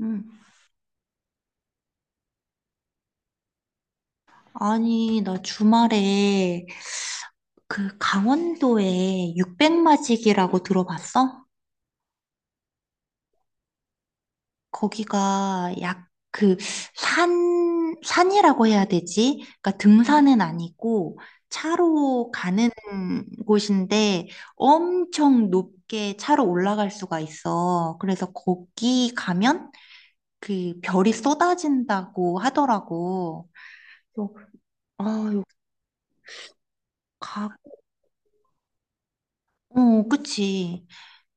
음, 아니, 나 주말에 그 강원도에 육백마지기라고 들어봤어? 거기가 약 그 산이라고 해야 되지? 그러니까 등산은 아니고 차로 가는 곳인데 엄청 높게 차로 올라갈 수가 있어. 그래서 거기 가면 그 별이 쏟아진다고 하더라고. 그래서 아, 여기 가, 어, 그치.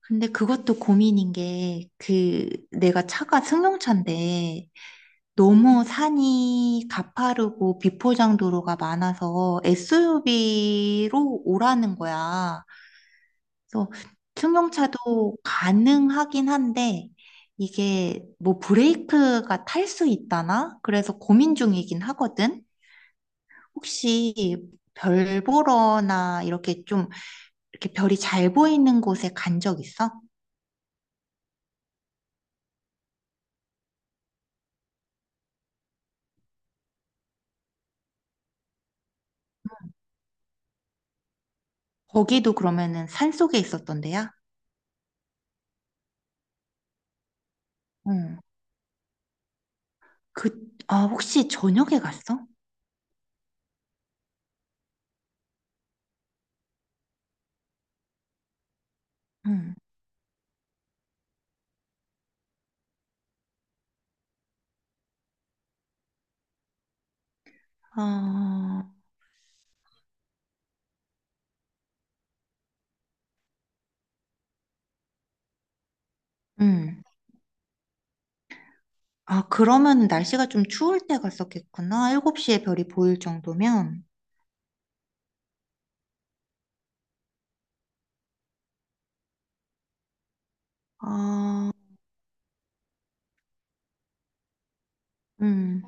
근데 그것도 고민인 게, 그, 내가 차가 승용차인데, 너무 산이 가파르고 비포장 도로가 많아서 SUV로 오라는 거야. 그래서 승용차도 가능하긴 한데, 이게 뭐 브레이크가 탈 수 있다나? 그래서 고민 중이긴 하거든? 혹시 별 보러나 이렇게 좀, 이렇게 별이 잘 보이는 곳에 간 적 있어? 거기도 그러면은 산속에 있었던데야? 응. 그, 혹시 저녁에 갔어? 응. 아, 응. 아, 그러면 날씨가 좀 추울 때 갔었겠구나. 7시에 별이 보일 정도면. 아, 응.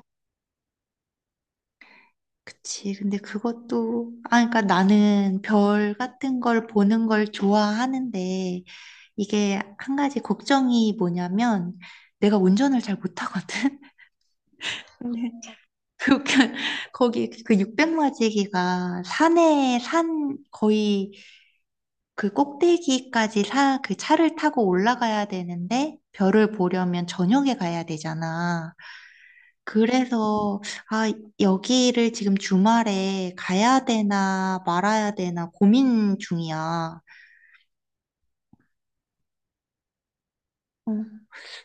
그치. 그러니까 나는 별 같은 걸 보는 걸 좋아하는데, 이게 한 가지 걱정이 뭐냐면, 내가 운전을 잘 못하거든? 근데 그, 그, 거기 그 육백마지기가 산 거의 그 꼭대기까지 사, 그 차를 타고 올라가야 되는데 별을 보려면 저녁에 가야 되잖아. 그래서, 아, 여기를 지금 주말에 가야 되나 말아야 되나 고민 중이야. 어,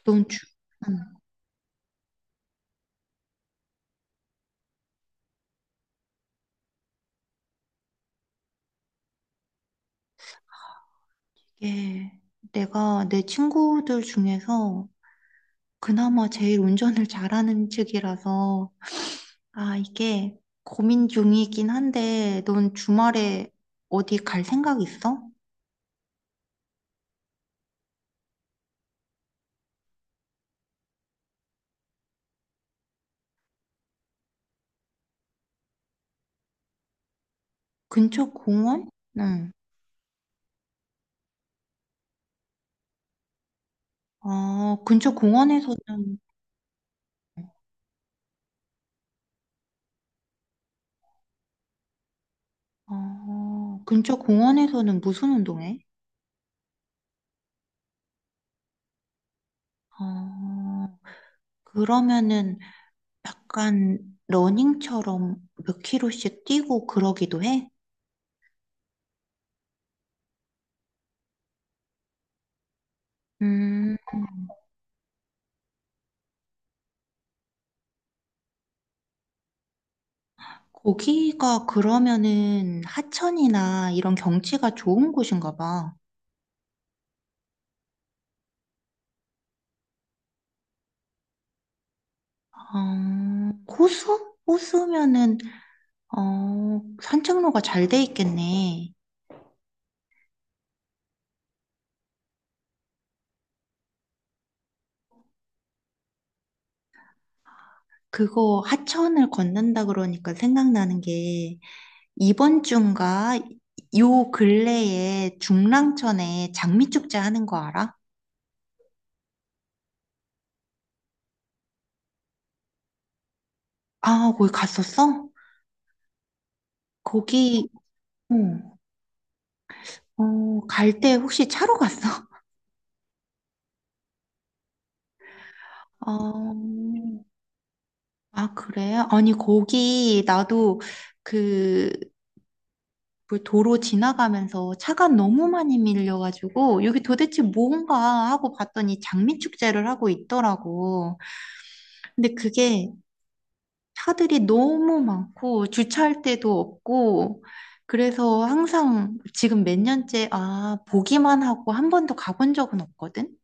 넌 음, 이게 내가 내 친구들 중에서 그나마 제일 운전을 잘하는 측이라서 이게 고민 중이긴 한데, 넌 주말에 어디 갈 생각 있어? 근처 공원? 응. 어, 근처 공원에서는, 어, 근처 공원에서는 무슨 운동해? 어, 그러면은 약간 러닝처럼 몇 킬로씩 뛰고 그러기도 해? 음, 거기가 그러면은 하천이나 이런 경치가 좋은 곳인가 봐. 어, 호수? 호수면은 어, 산책로가 잘 돼 있겠네. 그거 하천을 걷는다 그러니까 생각나는 게 이번 주인가 요 근래에 중랑천에 장미축제 하는 거 알아? 아, 거기 갔었어? 거기 어, 어, 갈 때 혹시 차로 갔어? 어, 아, 그래? 아니 거기 나도 그 뭘 도로 지나가면서 차가 너무 많이 밀려가지고 여기 도대체 뭔가 하고 봤더니 장미축제를 하고 있더라고. 근데 그게 차들이 너무 많고 주차할 데도 없고 그래서 항상 지금 몇 년째 아 보기만 하고 한 번도 가본 적은 없거든.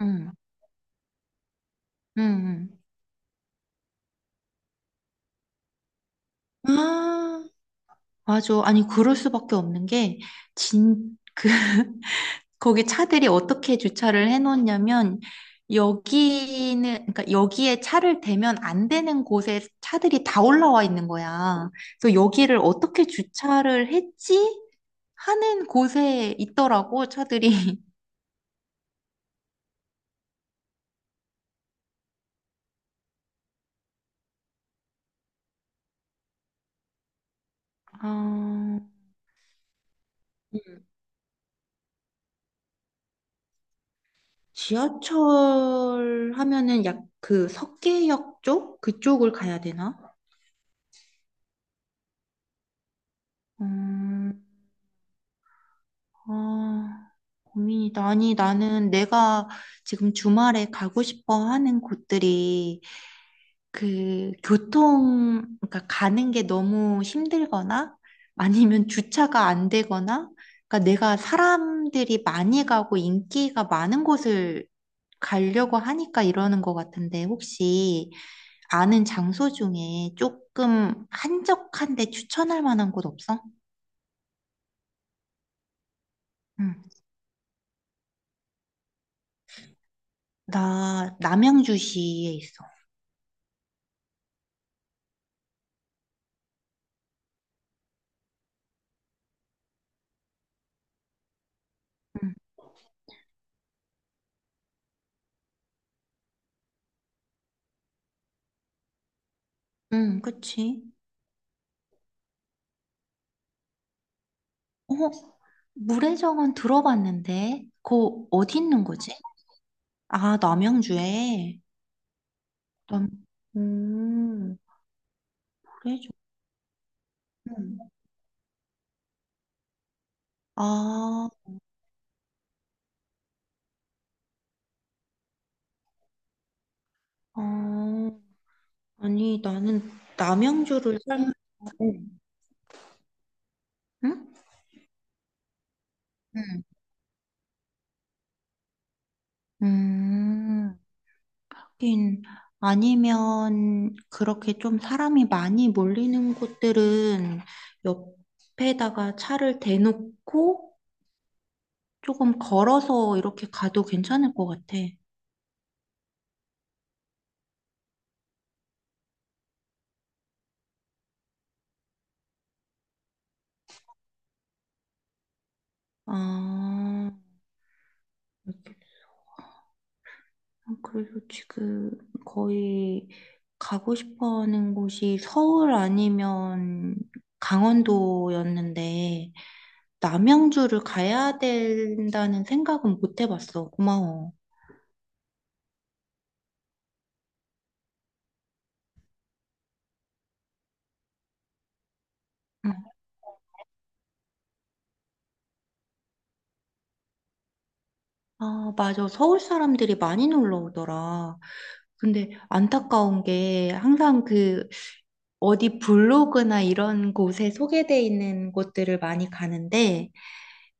응, 응, 응. 아, 맞아. 아니 그럴 수밖에 없는 게진그 거기 차들이 어떻게 주차를 해놓냐면 여기는 그러니까 여기에 차를 대면 안 되는 곳에 차들이 다 올라와 있는 거야. 그래서 여기를 어떻게 주차를 했지? 하는 곳에 있더라고 차들이. 아, 음. 지하철 하면은 약 그 석계역 쪽 그쪽을 가야 되나? 음, 아, 고민이다. 아니, 나는 내가 지금 주말에 가고 싶어 하는 곳들이 그 교통, 그러니까 가는 게 너무 힘들거나 아니면 주차가 안 되거나 그러니까 내가 사람들이 많이 가고 인기가 많은 곳을 가려고 하니까 이러는 것 같은데 혹시 아는 장소 중에 조금 한적한데 추천할 만한 곳 없어? 응. 나 남양주시에 있어. 응. 응, 그치. 어, 물의 정원 들어봤는데, 그거 어디 있는 거지? 아, 남양주에. 남, 음, 물의 정원. 아, 어, 아니, 나는 남양주를 살면, 응? 응, 응. 음, 하긴, 아니면, 그렇게 좀 사람이 많이 몰리는 곳들은 옆에다가 차를 대놓고, 조금 걸어서 이렇게 가도 괜찮을 것 같아. 아, 이렇게. 그래서 지금 거의 가고 싶어 하는 곳이 서울 아니면 강원도였는데, 남양주를 가야 된다는 생각은 못 해봤어. 고마워. 응. 아, 맞아. 서울 사람들이 많이 놀러 오더라. 근데 안타까운 게 항상 그 어디 블로그나 이런 곳에 소개돼 있는 곳들을 많이 가는데,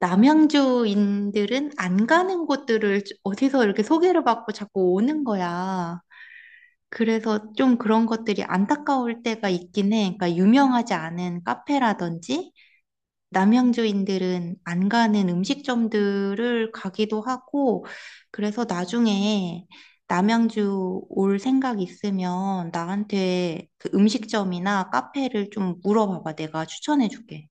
남양주인들은 안 가는 곳들을 어디서 이렇게 소개를 받고 자꾸 오는 거야. 그래서 좀 그런 것들이 안타까울 때가 있긴 해. 그러니까 유명하지 않은 카페라든지 남양주인들은 안 가는 음식점들을 가기도 하고 그래서 나중에 남양주 올 생각 있으면 나한테 그 음식점이나 카페를 좀 물어봐봐. 내가 추천해줄게.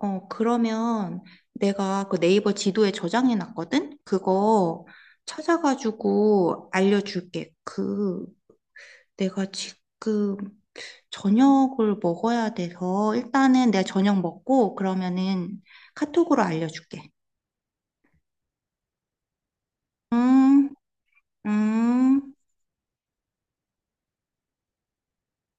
어, 그러면 내가 그 네이버 지도에 저장해 놨거든? 그거 찾아가지고 알려줄게. 그, 내가 지금 저녁을 먹어야 돼서 일단은 내가 저녁 먹고 그러면은 카톡으로 알려줄게. 음, 음.